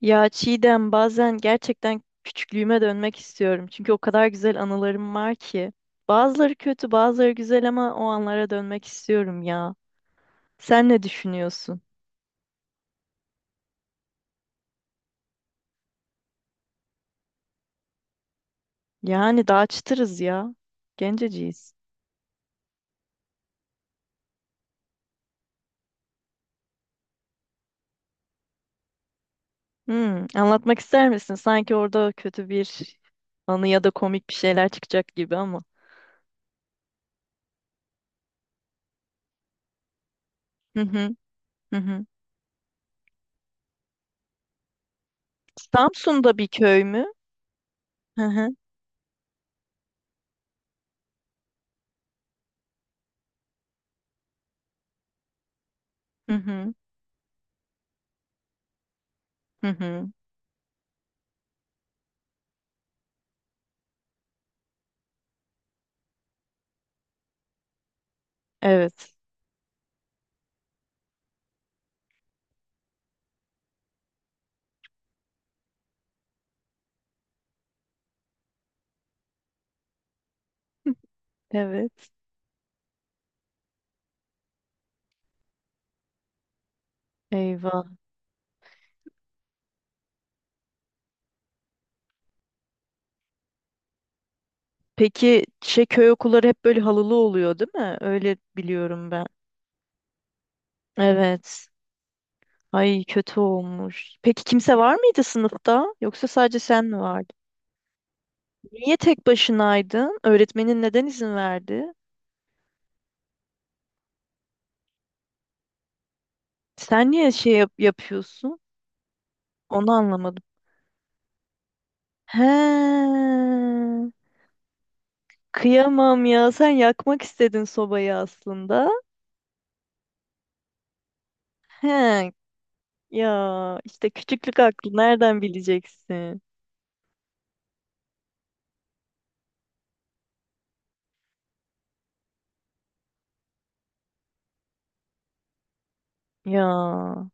Ya Çiğdem bazen gerçekten küçüklüğüme dönmek istiyorum. Çünkü o kadar güzel anılarım var ki. Bazıları kötü, bazıları güzel ama o anlara dönmek istiyorum ya. Sen ne düşünüyorsun? Yani daha çıtırız ya. Genceciyiz. Anlatmak ister misin? Sanki orada kötü bir anı ya da komik bir şeyler çıkacak gibi ama. Hı hı, hı hı. Samsun'da bir köy mü? Hı hı, hı hı, hı hı. Evet, evet. Eyvah. Peki şey köy okulları hep böyle halılı oluyor değil mi? Öyle biliyorum ben. Evet. Ay kötü olmuş. Peki kimse var mıydı sınıfta? Yoksa sadece sen mi vardın? Niye tek başınaydın? Öğretmenin neden izin verdi? Sen niye şey yapıyorsun? Onu anlamadım. He. Kıyamam ya. Sen yakmak istedin sobayı aslında. He. Ya işte küçüklük aklı nereden bileceksin? Ya.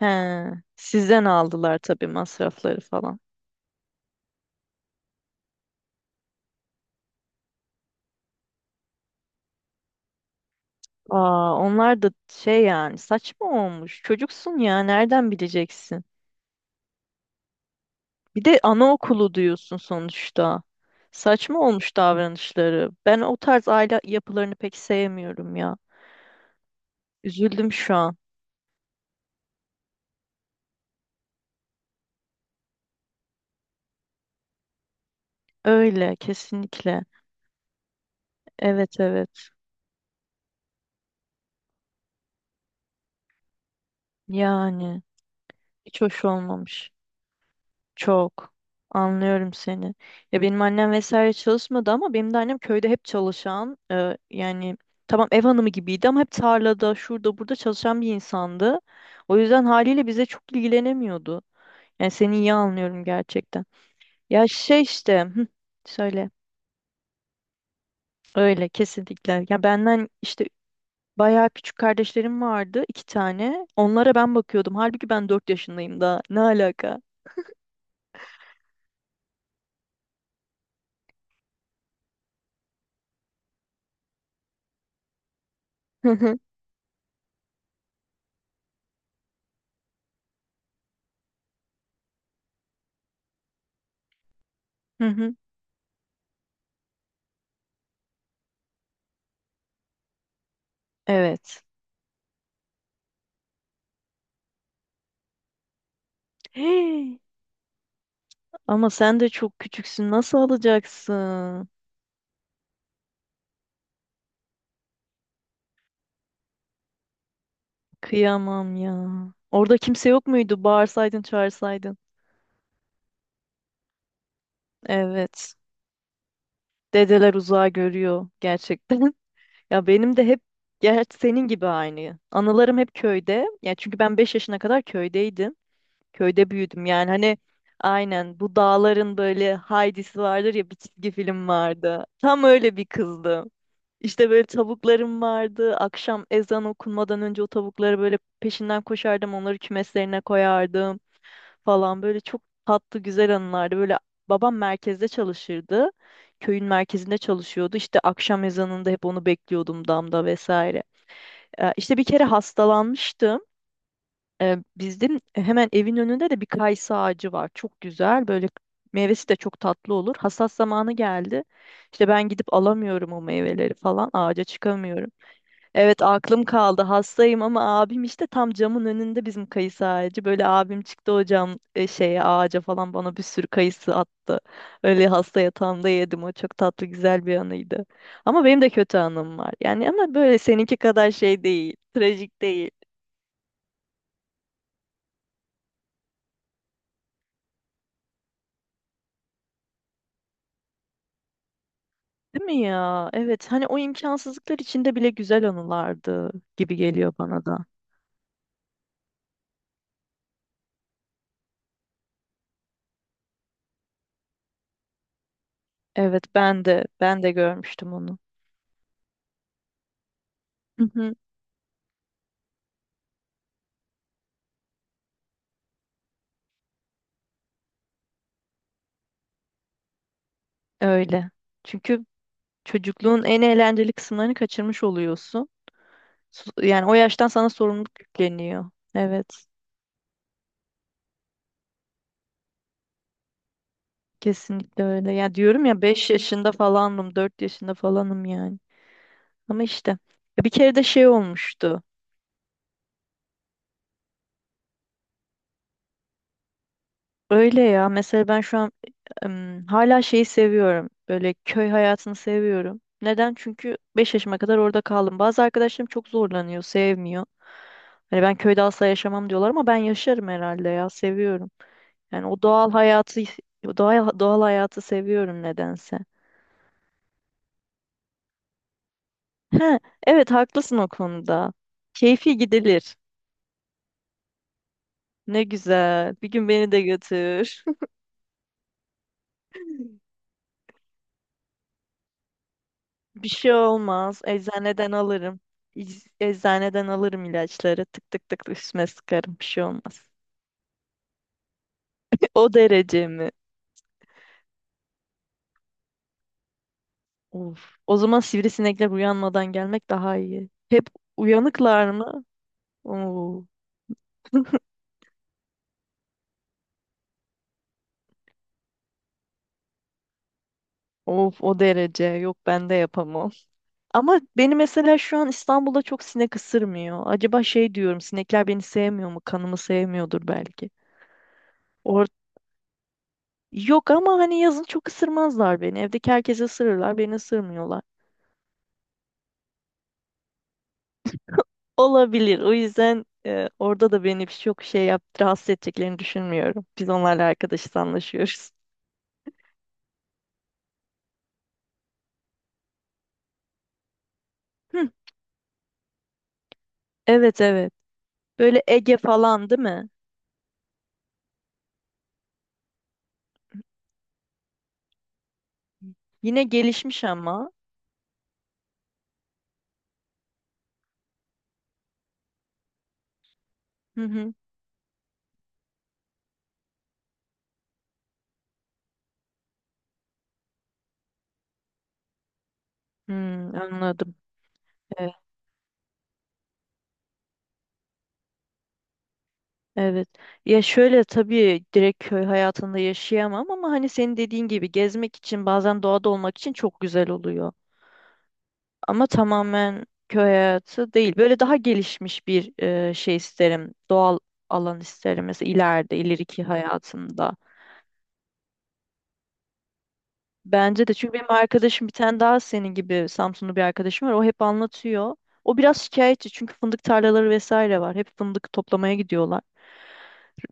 He, sizden aldılar tabii masrafları falan. Aa, onlar da şey yani saçma olmuş. Çocuksun ya nereden bileceksin? Bir de anaokulu diyorsun sonuçta. Saçma olmuş davranışları. Ben o tarz aile yapılarını pek sevmiyorum ya. Üzüldüm şu an. Öyle kesinlikle. Evet evet. Yani hiç hoş olmamış. Çok. Anlıyorum seni. Ya benim annem vesaire çalışmadı ama benim de annem köyde hep çalışan, yani tamam ev hanımı gibiydi ama hep tarlada, şurada, burada çalışan bir insandı. O yüzden haliyle bize çok ilgilenemiyordu. Yani seni iyi anlıyorum gerçekten. Ya şey işte, hı, söyle. Öyle kesinlikle. Ya benden işte bayağı küçük kardeşlerim vardı, iki tane. Onlara ben bakıyordum. Halbuki ben 4 yaşındayım daha. Ne alaka? Hı hı. Hı hı. Evet. Ama sen de çok küçüksün. Nasıl alacaksın? Kıyamam ya. Orada kimse yok muydu? Bağırsaydın, çağırsaydın. Evet. Dedeler uzağa görüyor gerçekten. Ya benim de hep gerçi senin gibi aynı. Anılarım hep köyde. Ya çünkü ben 5 yaşına kadar köydeydim. Köyde büyüdüm. Yani hani aynen bu dağların böyle Heidi'si vardır ya bir çizgi film vardı. Tam öyle bir kızdım. İşte böyle tavuklarım vardı. Akşam ezan okunmadan önce o tavukları böyle peşinden koşardım. Onları kümeslerine koyardım falan. Böyle çok tatlı güzel anılardı. Böyle babam merkezde çalışırdı. Köyün merkezinde çalışıyordu. İşte akşam ezanında hep onu bekliyordum damda vesaire. İşte bir kere hastalanmıştım. Bizim hemen evin önünde de bir kayısı ağacı var. Çok güzel. Böyle meyvesi de çok tatlı olur. Hasat zamanı geldi. İşte ben gidip alamıyorum o meyveleri falan. Ağaca çıkamıyorum. Evet aklım kaldı hastayım ama abim işte tam camın önünde bizim kayısı ağacı. Böyle abim çıktı o cam şeye ağaca falan bana bir sürü kayısı attı. Öyle hasta yatağımda yedim o çok tatlı güzel bir anıydı. Ama benim de kötü anım var. Yani ama böyle seninki kadar şey değil, trajik değil. Değil mi ya? Evet hani o imkansızlıklar içinde bile güzel anılardı gibi geliyor bana da. Evet ben de görmüştüm onu. Hı hı, öyle. Çünkü çocukluğun en eğlenceli kısımlarını kaçırmış oluyorsun. Yani o yaştan sana sorumluluk yükleniyor. Evet, kesinlikle öyle. Ya diyorum ya 5 yaşında falanım, 4 yaşında falanım yani. Ama işte ya bir kere de şey olmuştu. Öyle ya. Mesela ben şu an hala şeyi seviyorum. Böyle köy hayatını seviyorum. Neden? Çünkü 5 yaşıma kadar orada kaldım. Bazı arkadaşlarım çok zorlanıyor, sevmiyor. Hani ben köyde asla yaşamam diyorlar ama ben yaşarım herhalde ya, seviyorum. Yani o doğal hayatı doğal hayatı seviyorum nedense. He, evet haklısın o konuda. Keyfi gidilir. Ne güzel. Bir gün beni de götür. Bir şey olmaz. Eczaneden alırım. Eczaneden alırım ilaçları. Tık tık tık üstüme sıkarım. Bir şey olmaz. O derece mi? Of. O zaman sivrisinekler uyanmadan gelmek daha iyi. Hep uyanıklar mı? Oo. Of o derece. Yok ben de yapamam. Ama beni mesela şu an İstanbul'da çok sinek ısırmıyor. Acaba şey diyorum sinekler beni sevmiyor mu? Kanımı sevmiyordur belki. Or Yok ama hani yazın çok ısırmazlar beni. Evdeki herkesi ısırırlar, beni ısırmıyorlar. Olabilir. O yüzden orada da beni çok şey yap, rahatsız edeceklerini düşünmüyorum. Biz onlarla arkadaşız, anlaşıyoruz. Hı, evet evet. Böyle Ege falan değil mi? Yine gelişmiş ama. Hı hı. Anladım. Evet. Evet. Ya şöyle tabii direkt köy hayatında yaşayamam ama hani senin dediğin gibi gezmek için bazen doğada olmak için çok güzel oluyor. Ama tamamen köy hayatı değil. Böyle daha gelişmiş bir şey isterim. Doğal alan isterim mesela ileride, ileriki hayatımda. Bence de çünkü benim arkadaşım bir tane daha senin gibi Samsunlu bir arkadaşım var. O hep anlatıyor. O biraz şikayetçi çünkü fındık tarlaları vesaire var. Hep fındık toplamaya gidiyorlar.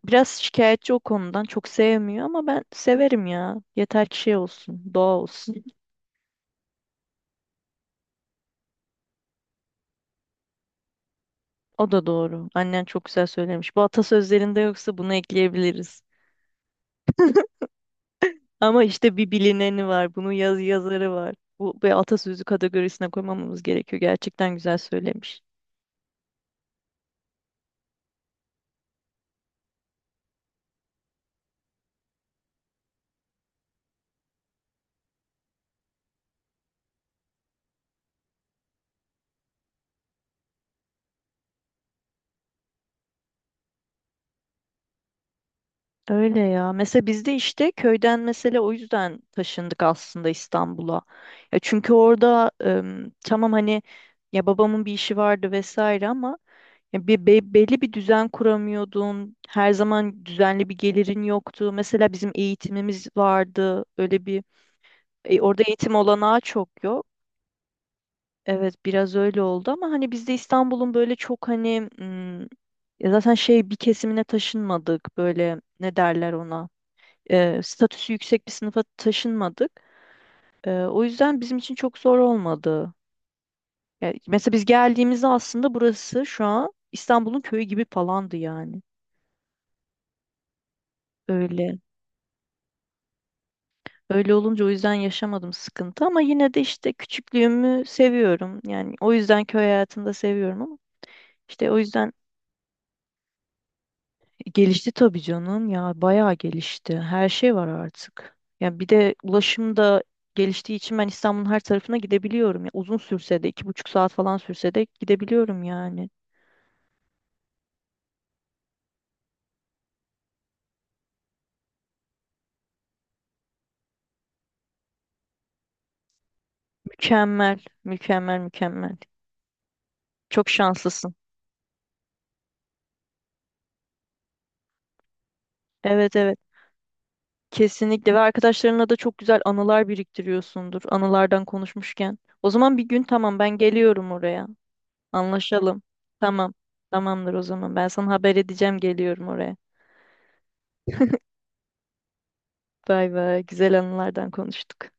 Biraz şikayetçi o konudan. Çok sevmiyor ama ben severim ya. Yeter ki şey olsun, doğa olsun. O da doğru. Annen çok güzel söylemiş. Bu atasözlerinde yoksa bunu ekleyebiliriz. Ama işte bir bilineni var. Bunun yaz yazarı var. Bu atasözü kategorisine koymamamız gerekiyor. Gerçekten güzel söylemiş. Öyle ya. Mesela biz de işte köyden mesela o yüzden taşındık aslında İstanbul'a. Ya çünkü orada tamam hani ya babamın bir işi vardı vesaire ama ya bir belli bir düzen kuramıyordun. Her zaman düzenli bir gelirin yoktu. Mesela bizim eğitimimiz vardı. Öyle bir orada eğitim olanağı çok yok. Evet biraz öyle oldu ama hani biz de İstanbul'un böyle çok hani ya zaten şey bir kesimine taşınmadık. Böyle ne derler ona? Statüsü yüksek bir sınıfa taşınmadık. O yüzden bizim için çok zor olmadı. Yani mesela biz geldiğimizde aslında burası şu an İstanbul'un köyü gibi falandı yani. Öyle. Öyle olunca o yüzden yaşamadım sıkıntı ama yine de işte küçüklüğümü seviyorum. Yani o yüzden köy hayatını da seviyorum ama işte o yüzden gelişti tabii canım ya bayağı gelişti. Her şey var artık. Yani bir de ulaşım da geliştiği için ben İstanbul'un her tarafına gidebiliyorum. Ya uzun sürse de 2,5 saat falan sürse de gidebiliyorum yani. Mükemmel, mükemmel, mükemmel. Çok şanslısın. Evet evet. Kesinlikle ve arkadaşlarınla da çok güzel anılar biriktiriyorsundur. Anılardan konuşmuşken. O zaman bir gün tamam ben geliyorum oraya. Anlaşalım. Tamam. Tamamdır o zaman. Ben sana haber edeceğim geliyorum oraya. Bay bay. Güzel anılardan konuştuk.